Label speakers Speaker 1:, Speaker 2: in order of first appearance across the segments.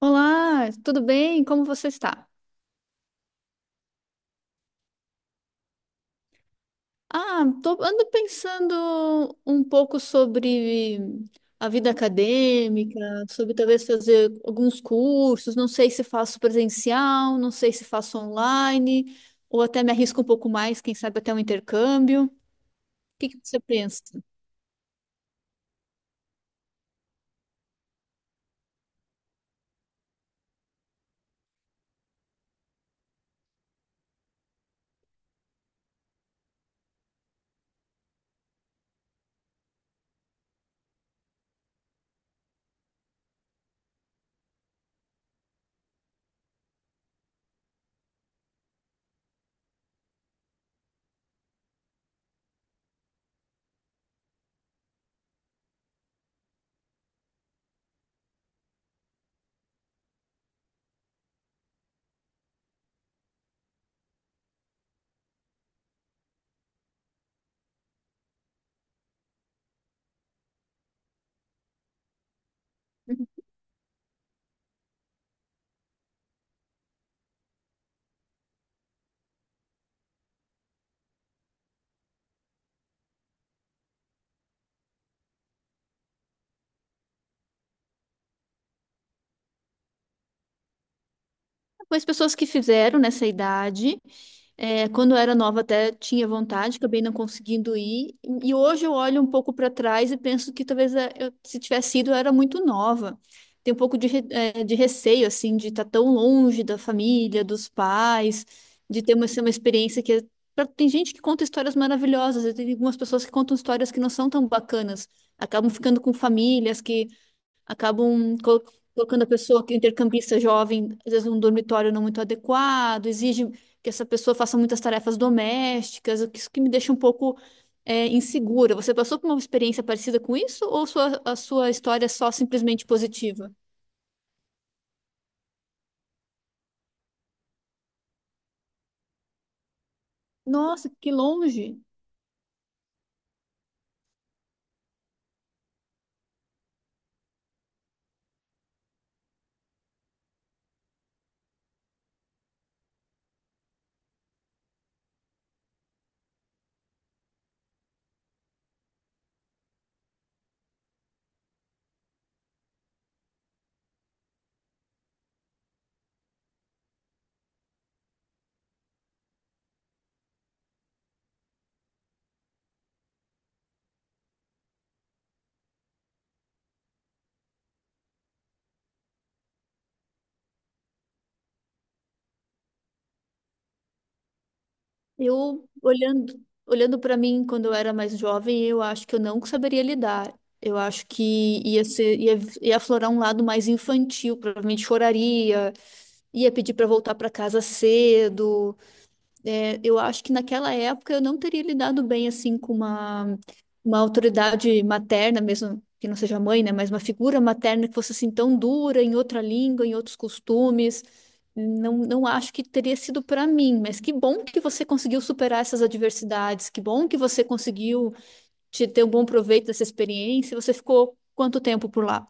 Speaker 1: Olá, tudo bem? Como você está? Ando pensando um pouco sobre a vida acadêmica, sobre talvez fazer alguns cursos, não sei se faço presencial, não sei se faço online, ou até me arrisco um pouco mais, quem sabe até um intercâmbio. O que você pensa? Mas pessoas que fizeram nessa idade, quando eu era nova até tinha vontade, acabei não conseguindo ir. E hoje eu olho um pouco para trás e penso que talvez, se tivesse ido eu era muito nova. Tem um pouco de, de receio, assim, de estar tão longe da família, dos pais, de ter ser uma experiência que... Tem gente que conta histórias maravilhosas, e tem algumas pessoas que contam histórias que não são tão bacanas, acabam ficando com famílias que acabam colo- colocando a pessoa que é intercambista jovem, às vezes num dormitório não muito adequado, exige que essa pessoa faça muitas tarefas domésticas, isso que me deixa um pouco insegura. Você passou por uma experiência parecida com isso ou a sua história é só simplesmente positiva? Nossa, que longe! Eu olhando, olhando para mim quando eu era mais jovem, eu acho que eu não saberia lidar. Eu acho que ia aflorar um lado mais infantil, provavelmente choraria, ia pedir para voltar para casa cedo. É, eu acho que naquela época eu não teria lidado bem assim com uma autoridade materna, mesmo que não seja mãe, né? Mas uma figura materna que fosse assim tão dura em outra língua, em outros costumes. Não, não acho que teria sido para mim, mas que bom que você conseguiu superar essas adversidades, que bom que você conseguiu te ter um bom proveito dessa experiência. Você ficou quanto tempo por lá?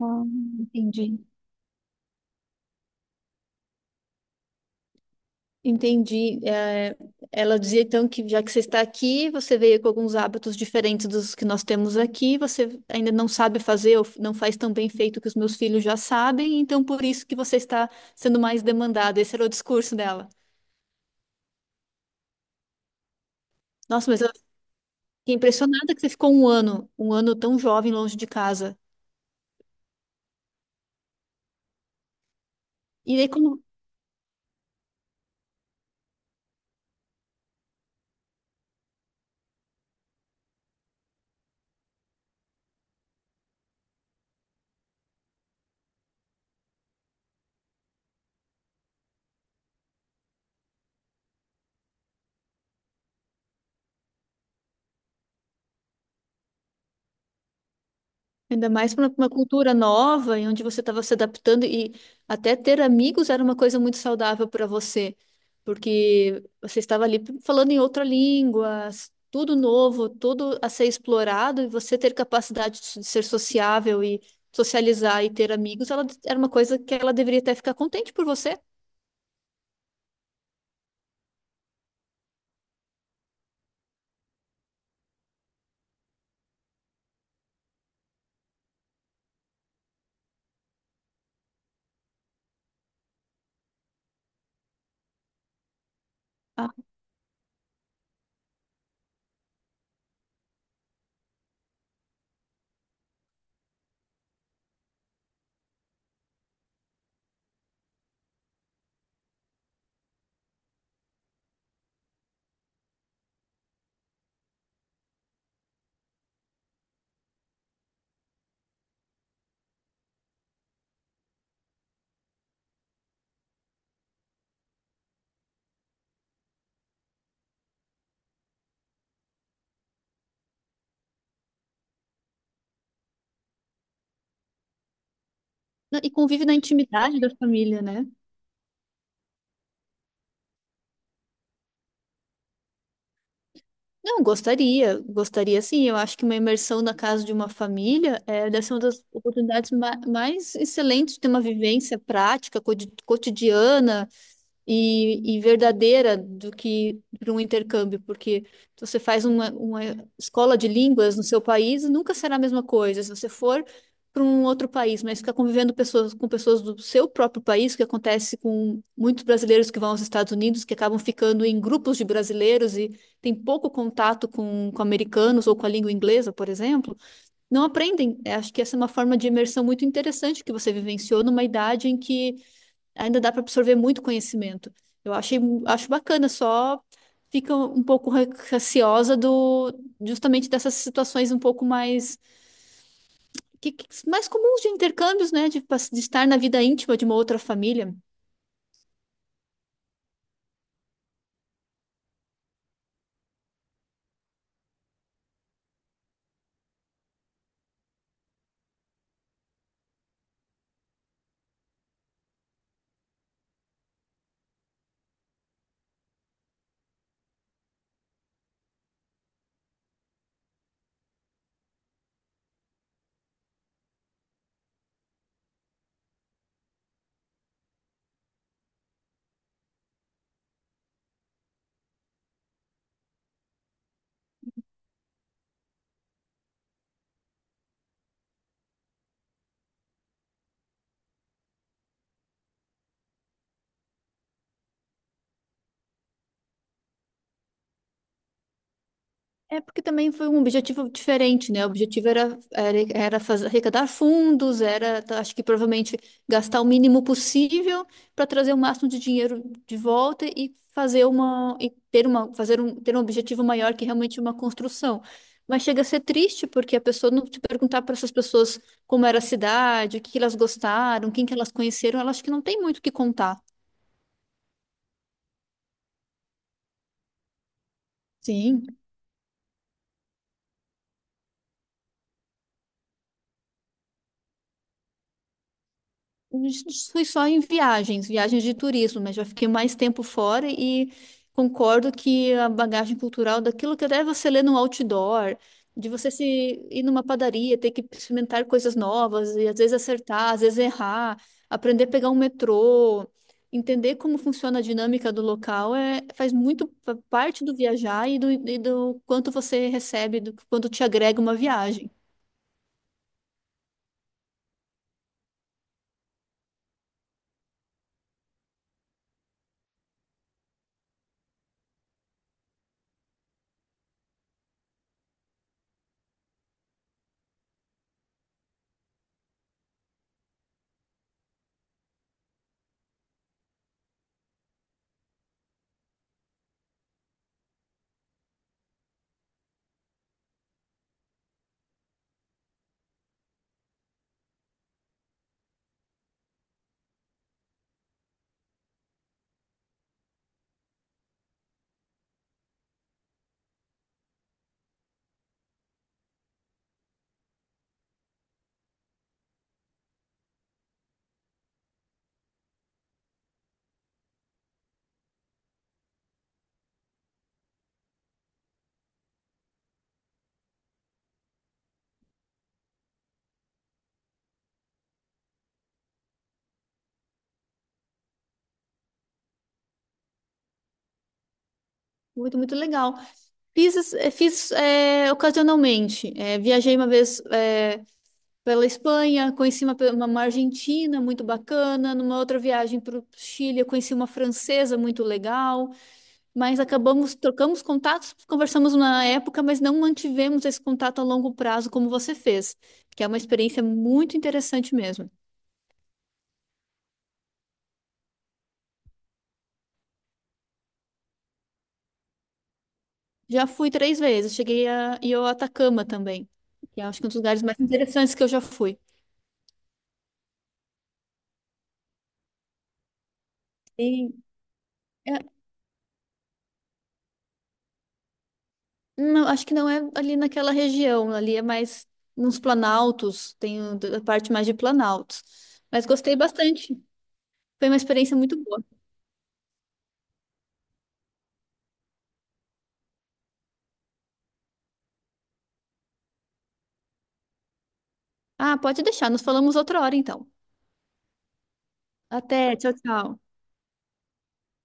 Speaker 1: Ah, entendi. Entendi. É, ela dizia então que já que você está aqui, você veio com alguns hábitos diferentes dos que nós temos aqui, você ainda não sabe fazer ou não faz tão bem feito que os meus filhos já sabem, então por isso que você está sendo mais demandada. Esse era o discurso dela. Nossa, mas eu fiquei impressionada que você ficou um ano tão jovem longe de casa. E aí, como? Ainda mais para uma cultura nova, em onde você estava se adaptando e até ter amigos era uma coisa muito saudável para você, porque você estava ali falando em outra língua, tudo novo, tudo a ser explorado, e você ter capacidade de de ser sociável e socializar e ter amigos, era uma coisa que ela deveria até ficar contente por você. Ah, e convive na intimidade da família, né? Não, gostaria, gostaria sim. Eu acho que uma imersão na casa de uma família é, deve ser uma das oportunidades mais excelentes de ter uma vivência prática, cotidiana, e verdadeira do que para um intercâmbio, porque se você faz uma escola de línguas no seu país, nunca será a mesma coisa. Se você for para um outro país, mas ficar convivendo pessoas, com pessoas do seu próprio país, que acontece com muitos brasileiros que vão aos Estados Unidos, que acabam ficando em grupos de brasileiros e tem pouco contato com americanos ou com a língua inglesa, por exemplo, não aprendem. Eu acho que essa é uma forma de imersão muito interessante que você vivenciou numa idade em que ainda dá para absorver muito conhecimento. Eu achei, acho bacana, só fica um pouco receosa do justamente dessas situações um pouco mais mais comuns de intercâmbios, né, de estar na vida íntima de uma outra família. É porque também foi um objetivo diferente, né? O objetivo era fazer, arrecadar fundos, acho que provavelmente gastar o mínimo possível para trazer o máximo de dinheiro de volta e fazer uma e ter uma fazer um ter um objetivo maior que realmente uma construção. Mas chega a ser triste porque a pessoa não te perguntar para essas pessoas como era a cidade, o que que elas gostaram, quem que elas conheceram, elas acho que não tem muito o que contar. Sim. Fui só em viagens, viagens de turismo, mas já fiquei mais tempo fora e concordo que a bagagem cultural daquilo que até você lê no outdoor, de você se ir numa padaria, ter que experimentar coisas novas e às vezes acertar, às vezes errar, aprender a pegar um metrô, entender como funciona a dinâmica do local, é, faz muito parte do viajar e e do quanto você recebe, do quanto te agrega uma viagem. Muito, muito legal. Fiz ocasionalmente. Viajei uma vez pela Espanha, conheci uma argentina muito bacana. Numa outra viagem para o Chile, eu conheci uma francesa muito legal. Mas acabamos, trocamos contatos, conversamos na época, mas não mantivemos esse contato a longo prazo como você fez, que é uma experiência muito interessante mesmo. Já fui 3 vezes, cheguei a, e eu Atacama também, que é, acho que é um dos lugares mais interessantes que eu já fui. Sim. Não, acho que não é ali naquela região, ali é mais nos planaltos, tem a parte mais de planaltos. Mas gostei bastante. Foi uma experiência muito boa. Ah, pode deixar, nos falamos outra hora então. Até, tchau, tchau.